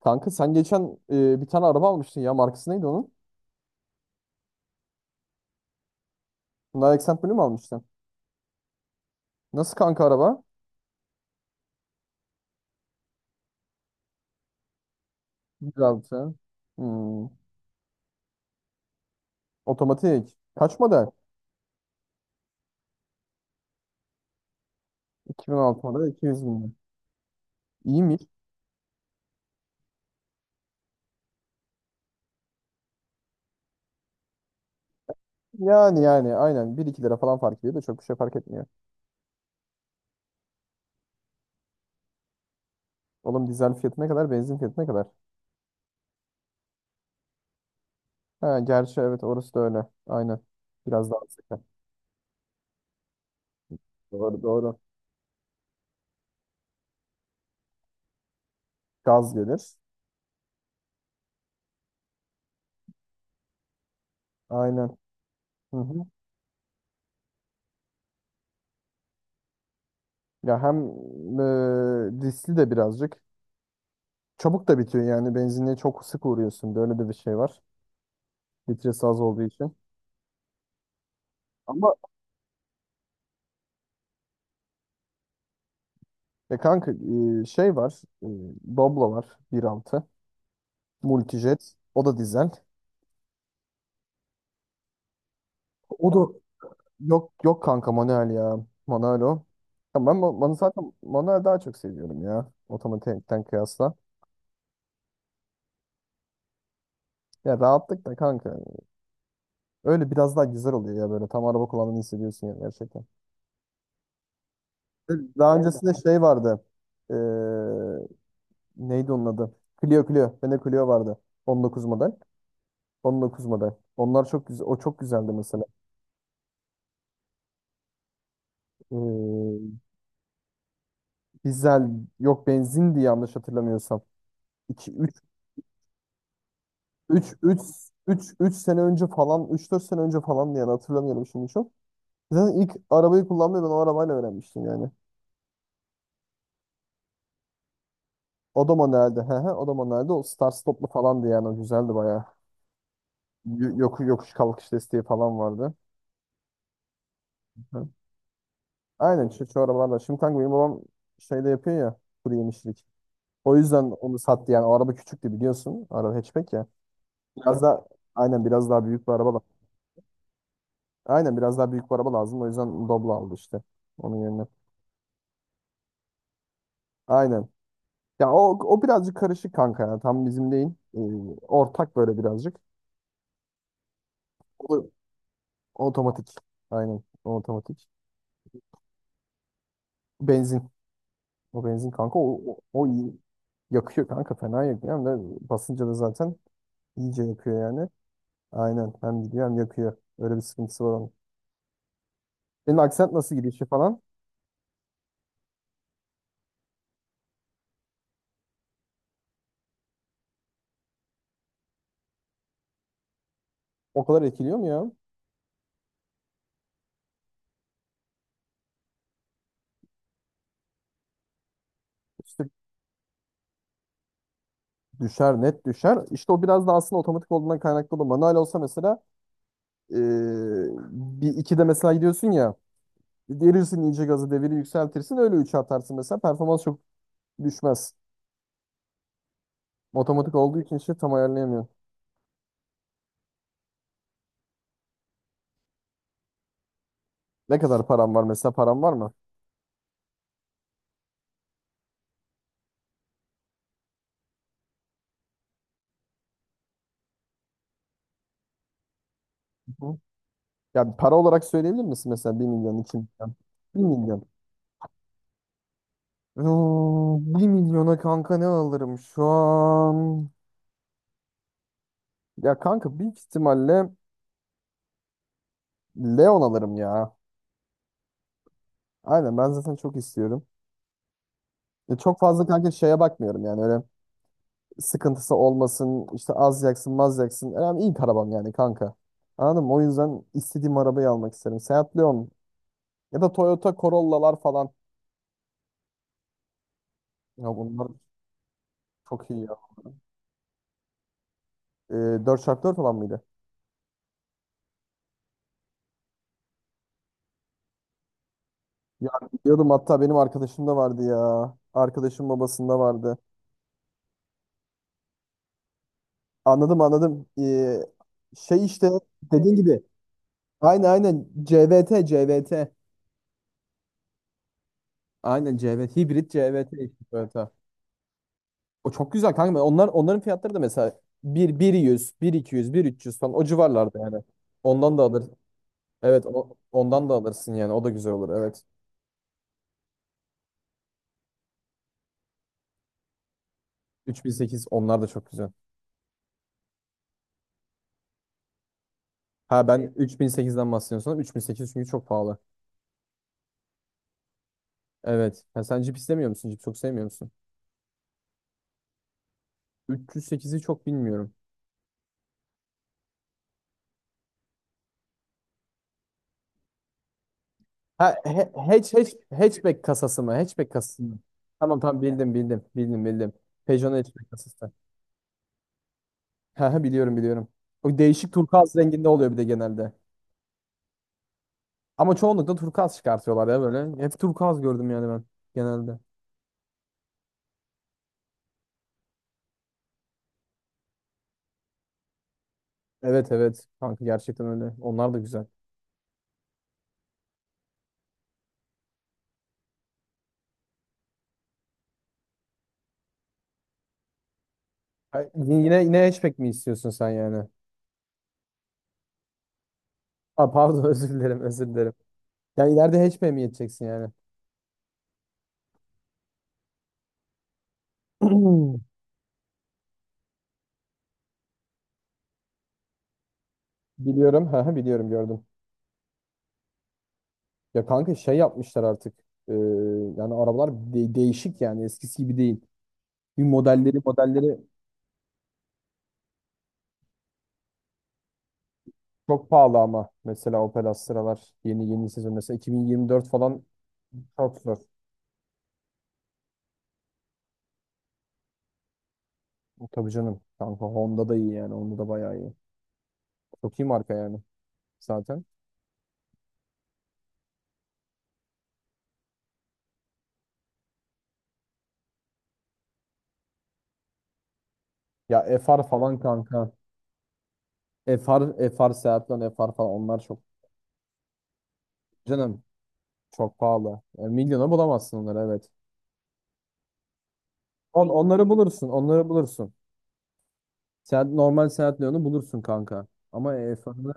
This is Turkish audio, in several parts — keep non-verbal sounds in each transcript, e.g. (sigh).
Kanka sen geçen bir tane araba almıştın ya. Markası neydi onun? Hyundai Accent Blue mu almıştın? Nasıl kanka araba? Güzel bir şey. Hmm. Otomatik. Kaç model? 2006 model. 200 bin. İyi mi? Yani aynen. Bir iki lira falan fark ediyor da çok bir şey fark etmiyor. Oğlum dizel fiyatı ne kadar? Benzin fiyatı ne kadar? Ha, gerçi evet orası da öyle. Aynen. Biraz daha sıkı. Doğru, doğru. Gaz gelir. Aynen. Hı hı. Ya hem e, riskli de birazcık. Çabuk da bitiyor yani benzinliğe çok sık uğruyorsun. Böyle de bir şey var. Litresi az olduğu için. Ama kanka, şey var. E, Doblo var bir altı, Multijet. O da dizel. O da yok, yok kanka manuel ya. Manuel o. Ya bana zaten manuel daha çok seviyorum ya. Otomatikten kıyasla. Ya rahatlık da kanka. Öyle biraz daha güzel oluyor ya böyle. Tam araba kullandığını hissediyorsun ya gerçekten. Daha öncesinde şey vardı. e, Neydi onun adı? Clio, Clio. Bende Clio vardı. 19 model. 19 model. Onlar çok güzel. O çok güzeldi mesela. Ee, Dizel, yok, benzindi yanlış hatırlamıyorsam. 2 üç üç üç üç 3 sene önce falan, üç dört sene önce falan yani hatırlamıyorum şimdi çok. Zaten ilk arabayı kullanmayı ben o arabayla öğrenmiştim yani. O da manueldi. He he, o da manueldi. O start stoplu falandı yani, o güzeldi bayağı. Yok, yokuş kalkış desteği falan vardı. Hı. Aynen şu arabalarla. Şimdi kanka benim babam şeyde yapıyor ya, kuru yemişlik. O yüzden onu sattı yani. O araba küçüktü biliyorsun. Araba hatchback ya. Biraz, evet, daha aynen biraz daha büyük bir araba lazım. Aynen biraz daha büyük bir araba lazım. O yüzden Doblo aldı işte. Onun yerine. Aynen. Ya o birazcık karışık kanka ya. Tam bizim değil. Ee, Ortak böyle birazcık. O, da- o otomatik. Aynen. O otomatik. Benzin. O benzin kanka. O iyi. Yakıyor kanka. Fena yakıyor. Hem de basınca da zaten iyice yakıyor yani. Aynen. Hem gidiyor hem yakıyor. Öyle bir sıkıntısı var onun. Senin aksent nasıl gidiyor işe falan? O kadar etkiliyor mu ya? İşte düşer, net düşer. İşte o biraz da aslında otomatik olduğundan kaynaklı olur. Manuel olsa mesela eee bir iki de mesela gidiyorsun ya, derirsin iyice gazı, deviri yükseltirsin, öyle üçe atarsın, mesela performans çok düşmez. Otomatik olduğu için işte tam ayarlayamıyorum. Ne kadar param var mesela, param var mı? Hı. Yani para olarak söyleyebilir misin, mesela bir milyon, 2 milyon? Bir milyon. Oo, bir milyona kanka ne alırım şu an? Ya kanka büyük ihtimalle Leon alırım ya. Aynen, ben zaten çok istiyorum. Çok fazla kanka şeye bakmıyorum yani, öyle sıkıntısı olmasın işte, az yaksın maz yaksın. Önemli, ilk arabam yani kanka. Anladın mı? O yüzden istediğim arabayı almak isterim. Seat Leon ya da Toyota Corolla'lar falan. Ya bunlar çok iyi ya. 4x4 falan mıydı? Ya biliyordum, hatta benim arkadaşım da vardı ya. Arkadaşım babasında vardı. Anladım, anladım. Şey işte, dediğin gibi. Aynen, aynen, CVT, CVT. Aynen CVT. Hibrit CVT işte. Evet, o çok güzel kanka. Onların fiyatları da mesela bir bir yüz, bir iki yüz, bir üç yüz falan, o civarlarda yani. Ondan da alır. Evet, ondan da alırsın yani. O da güzel olur. Evet. 3008 onlar da çok güzel. Ha, ben 3008'den 3008, çünkü çok pahalı. Evet. Ha, sen Jeep istemiyor musun? Jeep çok sevmiyor musun? 308'i çok bilmiyorum. Ha he, hatchback kasası mı? Hatchback kasası mı? Tamam, tamam, bildim, bildim. Bildim, bildim. Peugeot'un hatchback kasası. Ha ha, biliyorum, biliyorum. O değişik turkuaz renginde oluyor bir de genelde. Ama çoğunlukla turkuaz çıkartıyorlar ya böyle. Hep turkuaz gördüm yani ben genelde. Evet, evet kanka, gerçekten öyle. Onlar da güzel. Ha, Yine yine hatchback mi istiyorsun sen yani? Aa, pardon, (laughs) özür dilerim, özür dilerim. Yani ileride hatchback mi yeteceksin yani? (clears throat) Biliyorum, ha ha, biliyorum, gördüm. Ya kanka şey yapmışlar artık. Ee, Yani arabalar değişik yani, eskisi gibi değil. Bir modelleri çok pahalı, ama mesela Opel Astra'lar, yeni yeni sezon mesela 2024 falan çok zor. Tabii canım. Kanka Honda da iyi yani. Honda da bayağı iyi. Çok iyi marka yani zaten. Ya FR falan kanka. FR Seat Leon, FR falan onlar çok. Canım, çok pahalı. Yani milyona bulamazsın onları, evet. Onları bulursun. Onları bulursun. Seat, normal Seat Leon'u bulursun kanka. Ama FR'ı,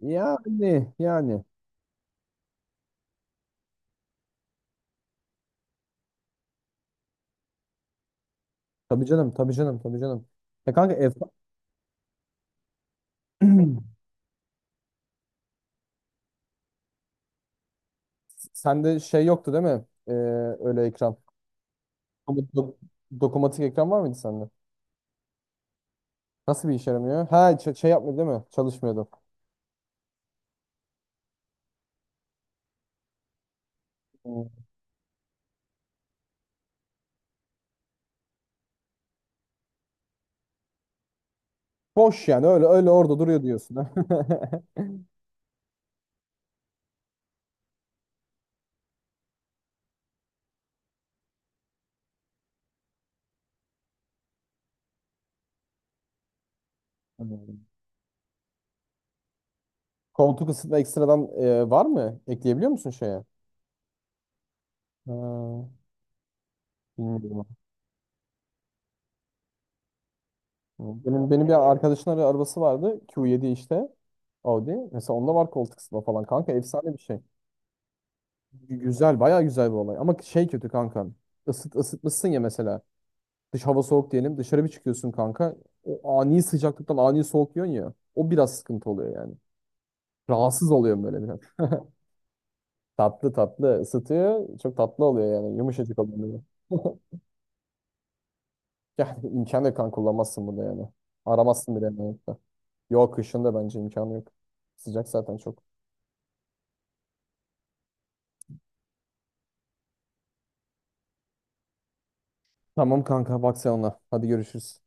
yani. Tabii canım. Tabii canım. Tabii canım. Ya kanka FR... (clears throat) Sende şey yoktu değil mi? Öyle ekran. Dokum- Dokumatik ekran var mıydı sende? Nasıl bir işe yaramıyor? Ha, şey yapmıyor değil mi? Çalışmıyordu. Hmm. Boş yani, öyle öyle orada duruyor diyorsun. (laughs) Anladım. Koltuk ısıtma ekstradan var mı? Ekleyebiliyor musun şeye? Ha, bilmiyorum. Hmm. Benim bir arkadaşın arabası vardı. Q7 işte. Audi. Mesela onda var koltuk ısıtma falan kanka. Efsane bir şey. Güzel, bayağı güzel bir olay. Ama şey kötü kanka. Isıt, ısıtmışsın ya mesela. Dış hava soğuk diyelim. Dışarı bir çıkıyorsun kanka. O ani sıcaklıktan ani soğuk yiyorsun ya. O biraz sıkıntı oluyor yani. Rahatsız oluyorum böyle biraz. Tatlı tatlı ısıtıyor. Çok tatlı oluyor yani. Yumuşacık oluyor, böyle. (laughs) Yani imkan yok, kan kullanmazsın bunu yani. Aramazsın bile yani, hatta. Yok, kışın da bence imkanı yok. Sıcak zaten çok. Tamam kanka, bak sen ona. Hadi görüşürüz.